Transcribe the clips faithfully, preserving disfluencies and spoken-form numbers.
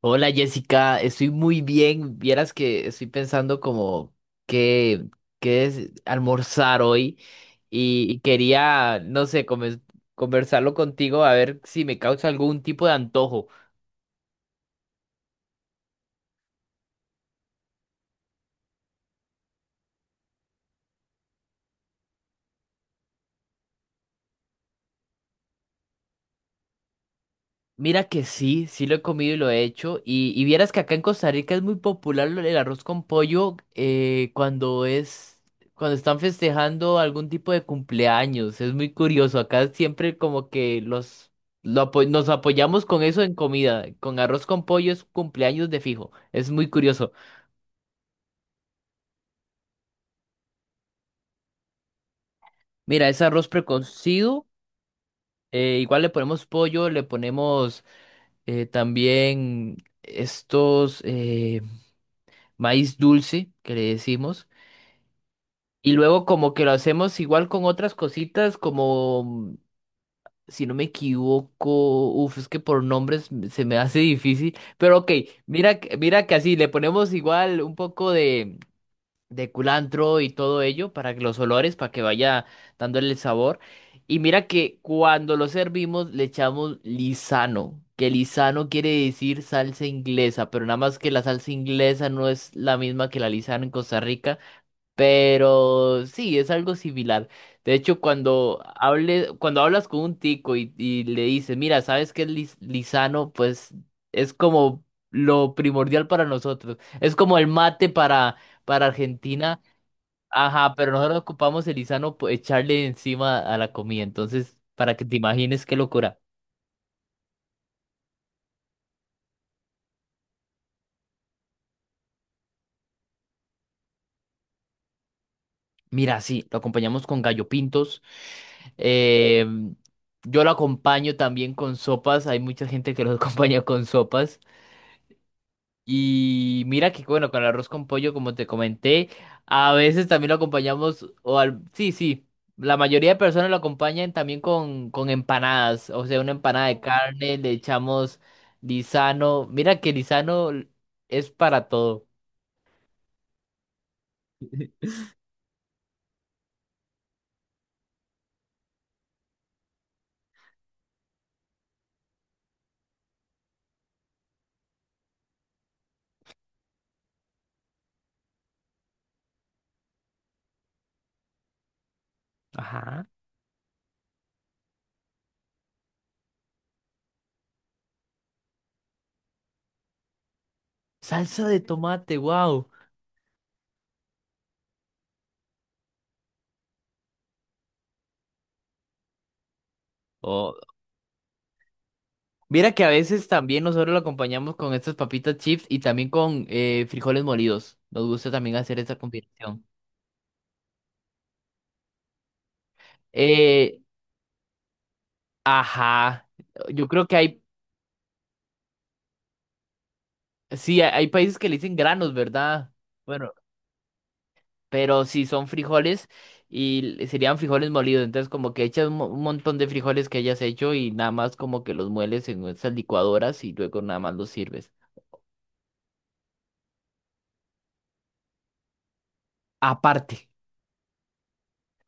Hola Jessica, estoy muy bien. Vieras que estoy pensando como qué, qué es almorzar hoy y, y quería, no sé, come- conversarlo contigo a ver si me causa algún tipo de antojo. Mira que sí, sí lo he comido y lo he hecho. Y, y vieras que acá en Costa Rica es muy popular lo- el arroz con pollo eh, cuando es, cuando están festejando algún tipo de cumpleaños. Es muy curioso. Acá siempre como que los lo apo- nos apoyamos con eso en comida. Con arroz con pollo es cumpleaños de fijo. Es muy curioso. Mira, es arroz precocido. Eh, igual le ponemos pollo, le ponemos eh, también estos eh, maíz dulce que le decimos. Y luego como que lo hacemos igual con otras cositas, como, mm, si no me equivoco, uf, es que por nombres m- se me hace difícil, pero ok, mira, que- mira que así, le ponemos igual un poco de, de culantro y todo ello para que los olores, para que vaya dándole el sabor. Y mira que cuando lo servimos le echamos lisano, que lisano quiere decir salsa inglesa, pero nada más que la salsa inglesa no es la misma que la lisano en Costa Rica. Pero sí, es algo similar. De hecho, cuando hable, cuando hablas con un tico y, y le dices, mira, ¿sabes qué es lis- lisano? Pues es como lo primordial para nosotros. Es como el mate para, para Argentina. Ajá, pero nosotros ocupamos el lisano, pues, echarle encima a la comida. Entonces, para que te imagines qué locura. Mira, sí, lo acompañamos con gallo pintos. Eh, yo lo acompaño también con sopas. Hay mucha gente que lo acompaña con sopas. Y mira que bueno, con el arroz con pollo, como te comenté, a veces también lo acompañamos, o al, sí, sí, la mayoría de personas lo acompañan también con, con empanadas, o sea, una empanada de carne, le echamos lisano, mira que lisano es para todo. Ajá. Salsa de tomate, wow. O mira que a veces también nosotros lo acompañamos con estas papitas chips y también con eh, frijoles molidos. Nos gusta también hacer esa combinación. Eh, Ajá, yo creo que hay, sí, hay hay países que le dicen granos, ¿verdad? Bueno, pero si son frijoles y l- serían frijoles molidos, entonces como que echas un mo- un montón de frijoles que hayas hecho y nada más como que los mueles en esas licuadoras y luego nada más los sirves. Aparte.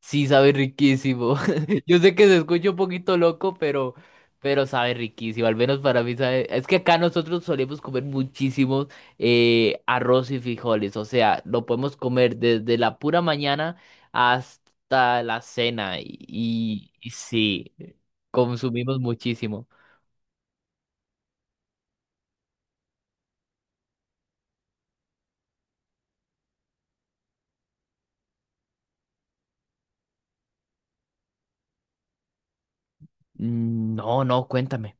Sí, sabe riquísimo. Yo sé que se escucha un poquito loco, pero, pero sabe riquísimo. Al menos para mí sabe. Es que acá nosotros solemos comer muchísimo eh, arroz y frijoles. O sea, lo podemos comer desde la pura mañana hasta la cena. Y, y- y sí, consumimos muchísimo. Mm, No, no, cuéntame.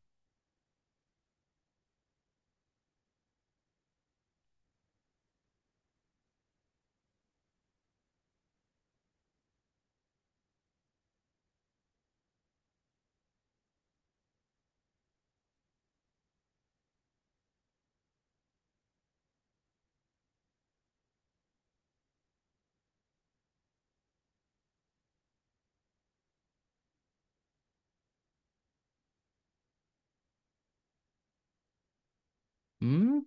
Mm.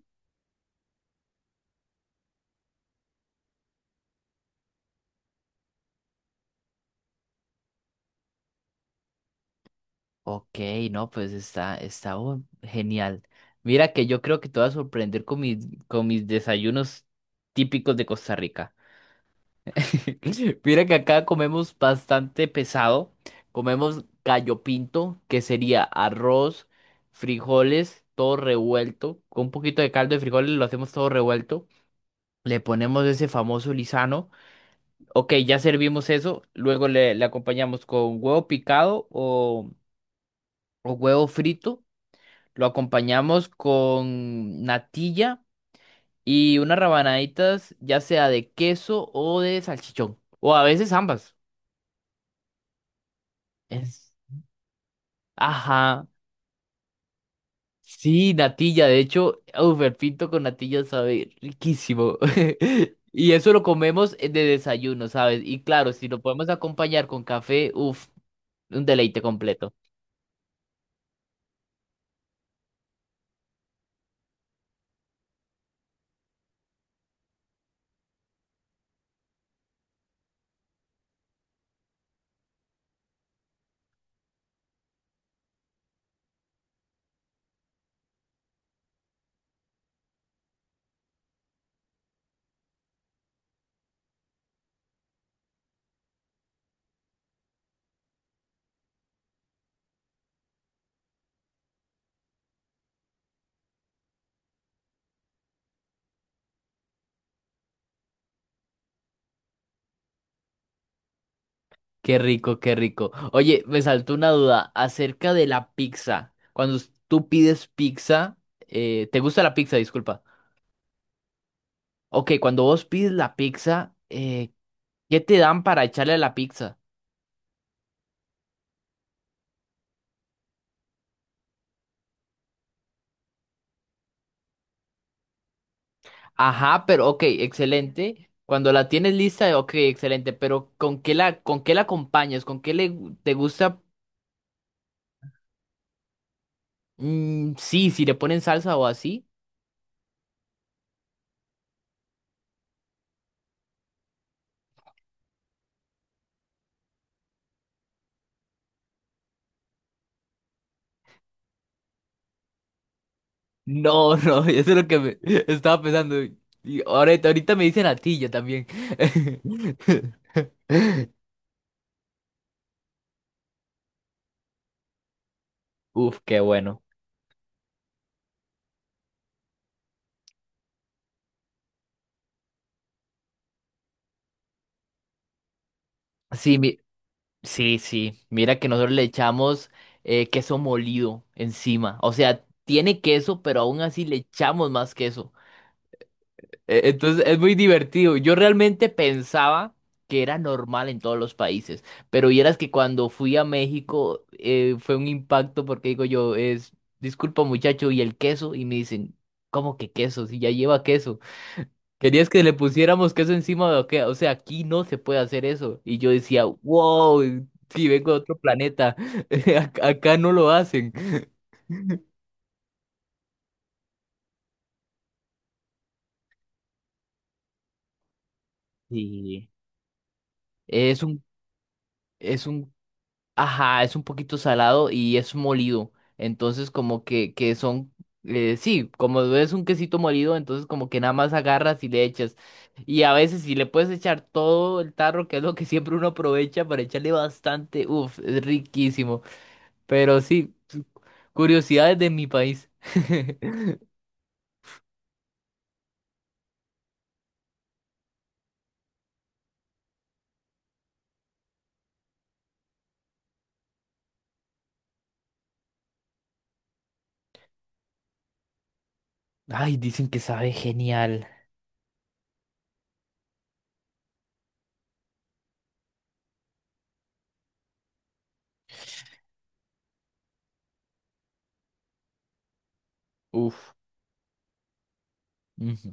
Ok, no, pues está, está bu- genial. Mira que yo creo que te vas a sorprender con mis, con mis desayunos típicos de Costa Rica. Mira que acá comemos bastante pesado. Comemos gallo pinto, que sería arroz, frijoles, todo revuelto. Con un poquito de caldo de frijoles lo hacemos todo revuelto. Le ponemos ese famoso lisano. Ok, ya servimos eso. Luego le, le acompañamos con huevo picado o, o huevo frito. Lo acompañamos con natilla y unas rabanaditas, ya sea de queso o de salchichón. O a veces ambas. Es... Ajá. Sí, natilla. De hecho, uf, el pinto con natilla sabe riquísimo. Y eso lo comemos eh, de desayuno, ¿sabes? Y claro, si lo podemos acompañar con café, uff, un deleite completo. Qué rico, qué rico. Oye, me saltó una duda acerca de la pizza. Cuando us- tú pides pizza, eh, ¿te gusta la pizza? Disculpa. Ok, cuando vos pides la pizza, eh, ¿qué te dan para echarle a la pizza? Ajá, pero ok, excelente. Cuando la tienes lista, ok, excelente. Pero ¿con qué la, con qué la acompañas? ¿Con qué le, te gusta? Mm, sí, si le ponen salsa o así. No, no, eso es lo que me estaba pensando. Y ahorita, ahorita me dicen yo también. Uf, qué bueno. Sí, mi- sí, sí. Mira que nosotros le echamos eh, queso molido encima. O sea, tiene queso, pero aún así le echamos más queso. E- Entonces es muy divertido. Yo realmente pensaba que era normal en todos los países, pero vieras que cuando fui a México eh, fue un impacto porque digo yo, es, disculpa muchacho, ¿y el queso? Y me dicen, ¿cómo que queso? Si ya lleva queso. ¿Querías que le pusiéramos queso encima de o qué? O sea, aquí no se puede hacer eso. Y yo decía, wow, si vengo de otro planeta, Ac- acá no lo hacen. Sí es un, es un Ajá, es un poquito salado y es molido. Entonces, como que, que son, eh, sí, como es un quesito molido, entonces como que nada más agarras y le echas. Y a veces si le puedes echar todo el tarro, que es lo que siempre uno aprovecha para echarle bastante, uff, es riquísimo. Pero sí, cu- curiosidades de mi país. Ay, dicen que sabe genial. Uff, ujú,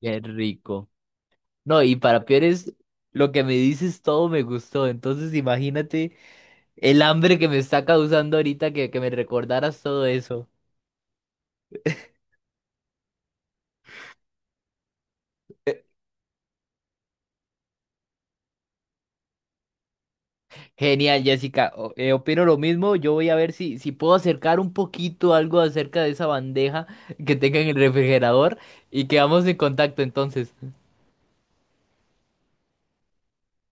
qué rico. No, y para peores, lo que me dices todo me gustó. Entonces, imagínate. El hambre que me está causando ahorita que, que me recordaras todo eso. Genial, Jessica. O- eh, opino lo mismo. Yo voy a ver si, si puedo acercar un poquito algo acerca de esa bandeja que tenga en el refrigerador y quedamos en contacto entonces.